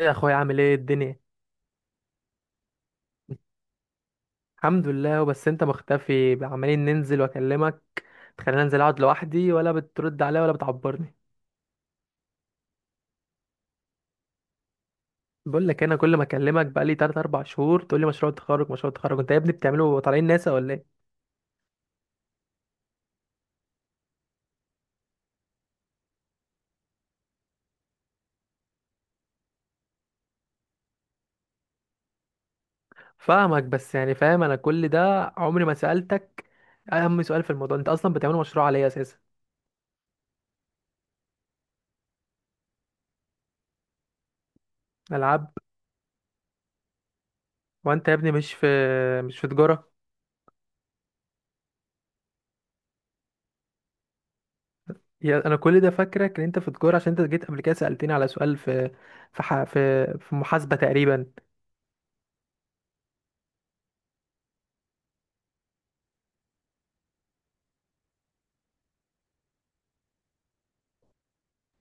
ايه يا اخويا، عامل ايه الدنيا؟ الحمد لله، بس انت مختفي، عمالين ننزل واكلمك. تخليني انزل اقعد لوحدي ولا بترد عليا ولا بتعبرني. بقول لك انا كل ما اكلمك بقالي 3 4 شهور تقول لي مشروع تخرج مشروع تخرج. انت يا ابني بتعمله طالعين ناسا ولا ايه؟ فاهمك، بس فاهم انا كل ده؟ عمري ما سألتك اهم سؤال في الموضوع: انت اصلا بتعمله مشروع على ايه اساسا؟ العاب؟ وانت يا ابني مش في تجارة؟ يا انا كل ده فاكرك ان انت في تجارة عشان انت جيت قبل كده سألتني على سؤال في في محاسبة تقريبا.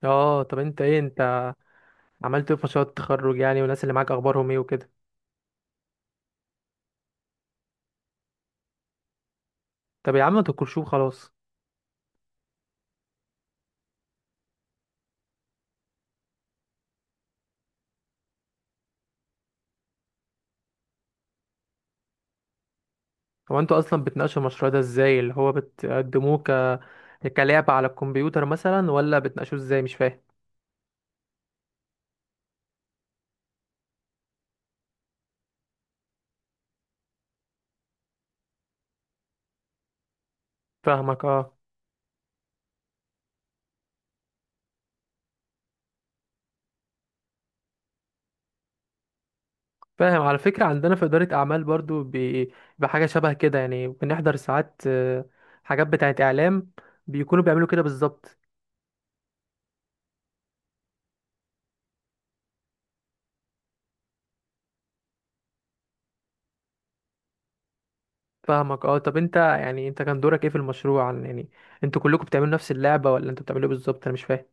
اه، طب انت ايه؟ انت عملت ايه في مشروع التخرج يعني، والناس اللي معاك اخبارهم ايه وكده؟ طب يا عم ما تنكرشوه خلاص. هو انتوا اصلا بتناقشوا المشروع ده ازاي، اللي هو بتقدموه ك كلعبة على الكمبيوتر مثلا، ولا بتناقشوه ازاي؟ مش فاهم. فاهمك، اه. فاهم، على فكرة عندنا في إدارة أعمال برضو بحاجة شبه كده. يعني بنحضر ساعات حاجات بتاعة إعلام، بيكونوا بيعملوا كده بالظبط. فاهمك، اه. طب انت يعني انت كان دورك ايه في المشروع يعني انتوا كلكم بتعملوا نفس اللعبة، ولا انتوا بتعملوا ايه بالظبط؟ انا مش فاهم.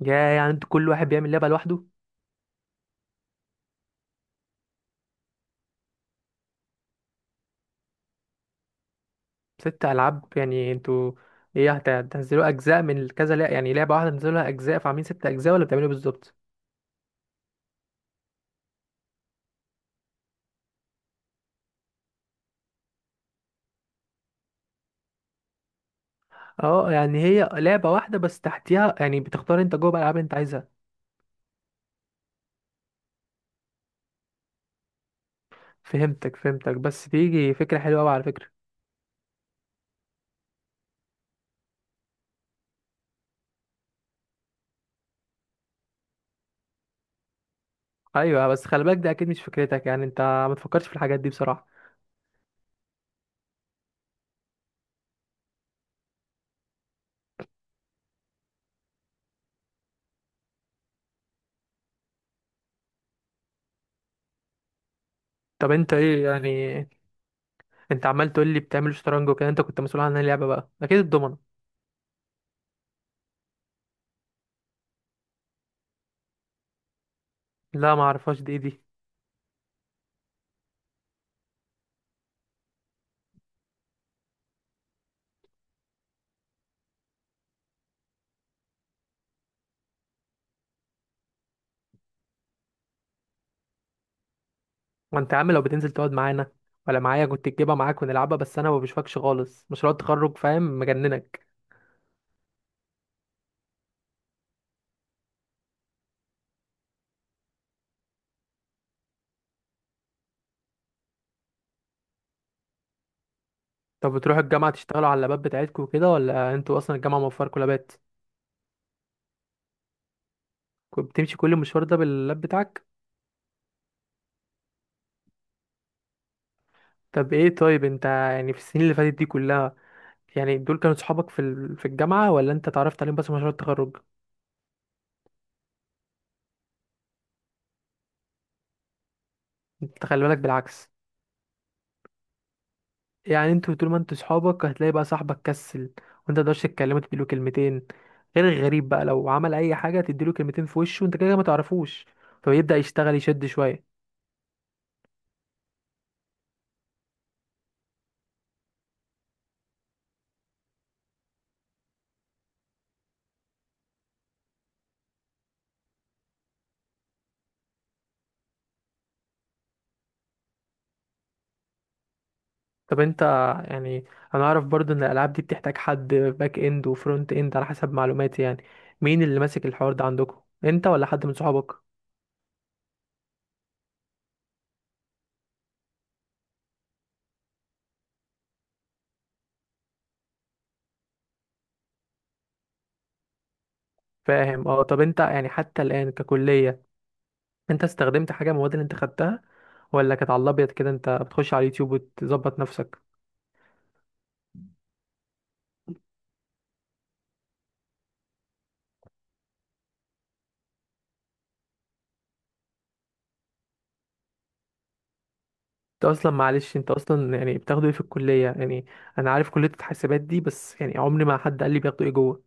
يا يعني انتوا كل واحد بيعمل لعبة لوحده؟ ست ألعاب يعني انتوا ايه؟ هتنزلوا أجزاء من كذا لعبة، يعني لعبة واحدة تنزلوها أجزاء فعاملين ست أجزاء، ولا بتعملوا إيه بالظبط؟ اه، يعني هي لعبة واحدة بس تحتيها يعني بتختار انت جوه بقى الألعاب اللي انت عايزها. فهمتك. بس تيجي فكرة حلوة أوي على فكرة. أيوة، بس خلي بالك ده أكيد مش فكرتك. يعني انت ما تفكرش في الحاجات دي بصراحة. طب انت ايه يعني، انت عمال تقول لي بتعمل شطرنج وكده، انت كنت مسؤول عن اللعبة بقى أكيد الضمنة؟ لا ما اعرفهاش، دي ايه دي؟ وانت يا عم لو بتنزل تقعد معانا ولا معايا كنت تجيبها معاك ونلعبها، بس انا ما بشوفكش خالص. مشروع التخرج فاهم مجننك. طب بتروحوا الجامعه تشتغلوا على اللابات بتاعتكم كده، ولا انتوا اصلا الجامعه موفركم لابات؟ كنت بتمشي كل المشوار ده باللاب بتاعك؟ طب ايه، طيب انت يعني في السنين اللي فاتت دي كلها، يعني دول كانوا صحابك في في الجامعه، ولا انت اتعرفت عليهم بس مشروع التخرج؟ انت خلي بالك، بالعكس. يعني انتوا طول ما انتوا صحابك هتلاقي بقى صاحبك كسل وانت متقدرش تتكلمه تديله كلمتين، غير الغريب بقى لو عمل اي حاجه تديله كلمتين في وشه، وانت كده كده ما تعرفوش، فبيبدا يشتغل يشد شويه. طب انت يعني انا اعرف برضو ان الالعاب دي بتحتاج حد باك اند وفرونت اند على حسب معلوماتي. يعني مين اللي ماسك الحوار ده عندكم، انت ولا حد من صحابك؟ فاهم، اه. طب انت يعني حتى الان ككليه، انت استخدمت حاجه من المواد اللي انت خدتها، ولا كانت على الابيض كده انت بتخش على اليوتيوب وتظبط نفسك؟ انت اصلا معلش، انت اصلا يعني بتاخده ايه في الكليه يعني؟ انا عارف كليه الحاسبات دي، بس يعني عمري ما حد قال لي بياخدوا ايه جوه.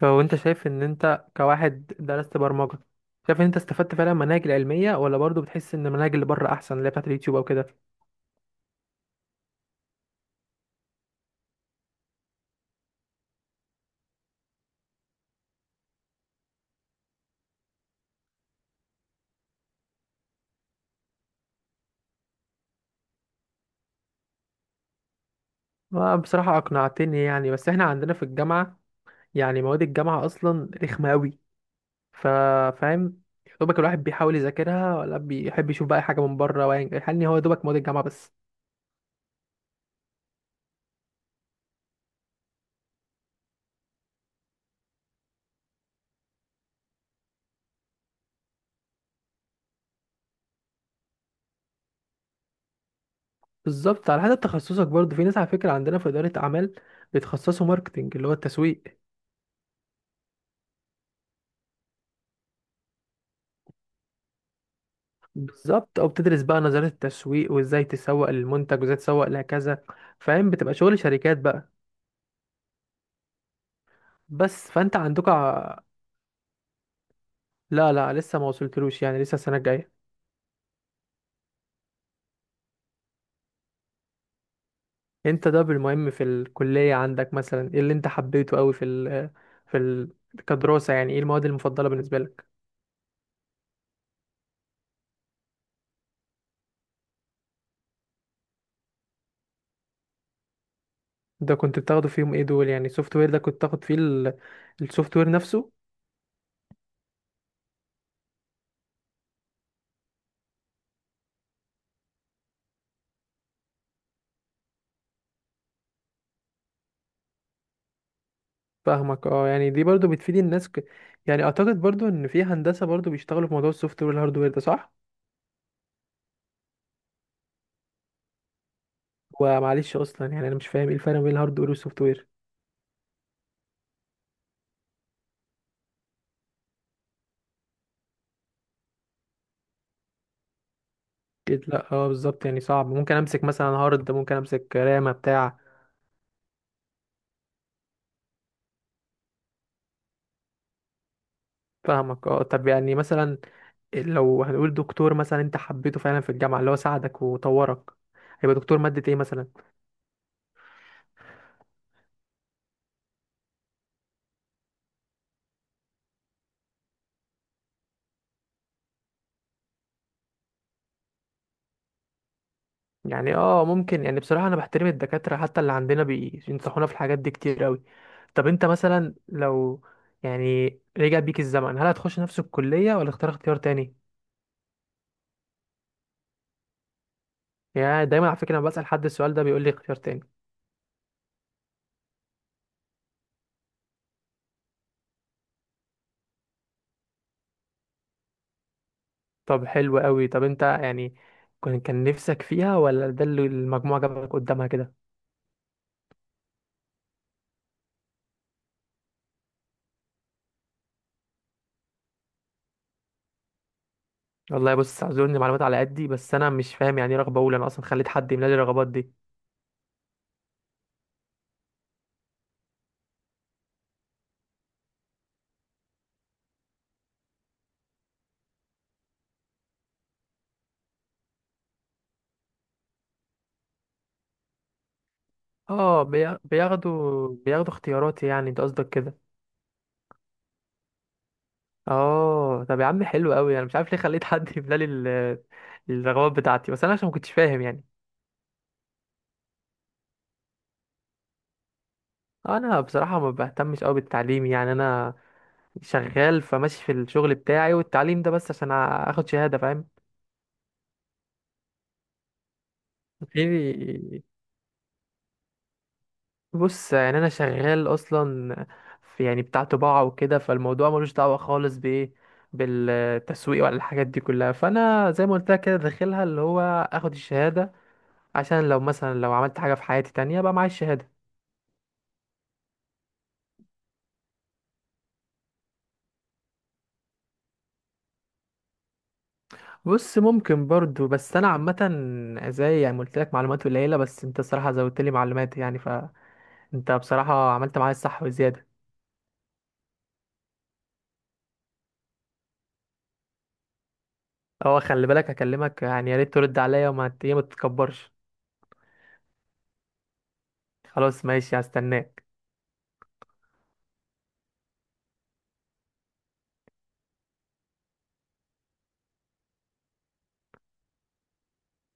فهو انت شايف ان انت كواحد درست برمجه، شايف ان انت استفدت فعلا من المناهج العلميه، ولا برضو بتحس ان المناهج اللي بره احسن، اللي هي بتاعت اليوتيوب او كده؟ بصراحه اقنعتني يعني. بس احنا عندنا في الجامعه، يعني مواد الجامعه اصلا رخمه قوي. ف- فاهم، يا دوبك الواحد بيحاول يذاكرها، ولا بيحب يشوف بقى أي حاجه من بره؟ يعني هو يا دوبك مواد الجامعه بس. بالظبط. على حسب تخصصك برضه، في ناس على فكرة عندنا في إدارة أعمال بيتخصصوا ماركتينج، اللي هو التسويق. بالظبط، أو بتدرس بقى نظرية التسويق، وإزاي تسوق للمنتج، وإزاي تسوق لكذا. فاهم، بتبقى شغل شركات بقى. بس فأنت عندك لا لا، لسه ما وصلتلوش، يعني لسه السنة الجاية. أنت ده بالمهم في الكلية، عندك مثلا إيه اللي أنت حبيته أوي في ال كدراسة؟ يعني إيه المواد المفضلة بالنسبة لك؟ ده كنت بتاخده فيهم إيه دول؟ يعني سوفت وير ده كنت تاخد فيه السوفت وير نفسه؟ فاهمك، اه. يعني دي برضو بتفيد الناس يعني اعتقد برضو ان في هندسة برضو بيشتغلوا في موضوع السوفت وير والهاردوير، ده صح؟ ومعلش اصلا يعني انا مش فاهم ايه الفرق بين الهاردوير والسوفت وير. اكيد لا، اه بالظبط، يعني صعب. ممكن امسك مثلا هارد، ممكن امسك رامة بتاع. فاهمك، اه. طب يعني مثلا لو هنقول دكتور مثلا انت حبيته فعلا في الجامعة، اللي هو ساعدك وطورك، هيبقى دكتور مادة ايه مثلا؟ يعني اه، ممكن يعني. بصراحة انا بحترم الدكاترة حتى اللي عندنا، بينصحونا في الحاجات دي كتير قوي. طب انت مثلا لو يعني رجع بيك الزمن، هل هتخش نفس الكلية، ولا اختار اختيار تاني؟ يعني دايما على فكرة لما بسأل حد السؤال ده بيقول لي اختيار تاني. طب حلو قوي. طب انت يعني كان، نفسك فيها، ولا ده اللي المجموعة جابك قدامها كده؟ والله بص اعذرني، معلومات على قدي، بس انا مش فاهم يعني ايه رغبة اولى. انا اصلا خليت حد يملى لي الرغبات دي. اه، بياخدوا اختياراتي يعني، انت قصدك كده؟ اه طب يا عم حلو قوي. انا مش عارف ليه خليت حد يملى لي الرغبات بتاعتي، بس انا عشان ما كنتش فاهم يعني. انا بصراحه ما بهتمش قوي بالتعليم، يعني انا شغال، فماشي في الشغل بتاعي، والتعليم ده بس عشان اخد شهاده، فاهم؟ غيري. بص يعني انا شغال اصلا في يعني بتاع طباعه وكده، فالموضوع ملوش دعوه خالص بايه، بالتسويق ولا الحاجات دي كلها. فانا زي ما قلت لك كده، داخلها اللي هو اخد الشهاده، عشان لو مثلا لو عملت حاجه في حياتي تانية، بقى معايا الشهاده. بص ممكن برضو، بس انا عامه زي يعني ما قلت لك، معلومات قليله، بس انت الصراحه زودت لي معلومات يعني. فانت بصراحه عملت معايا الصح وزياده. اه خلي بالك، هكلمك يعني، يا ريت ترد عليا، وما ت- إيه، ما تتكبرش. خلاص ماشي، هستناك.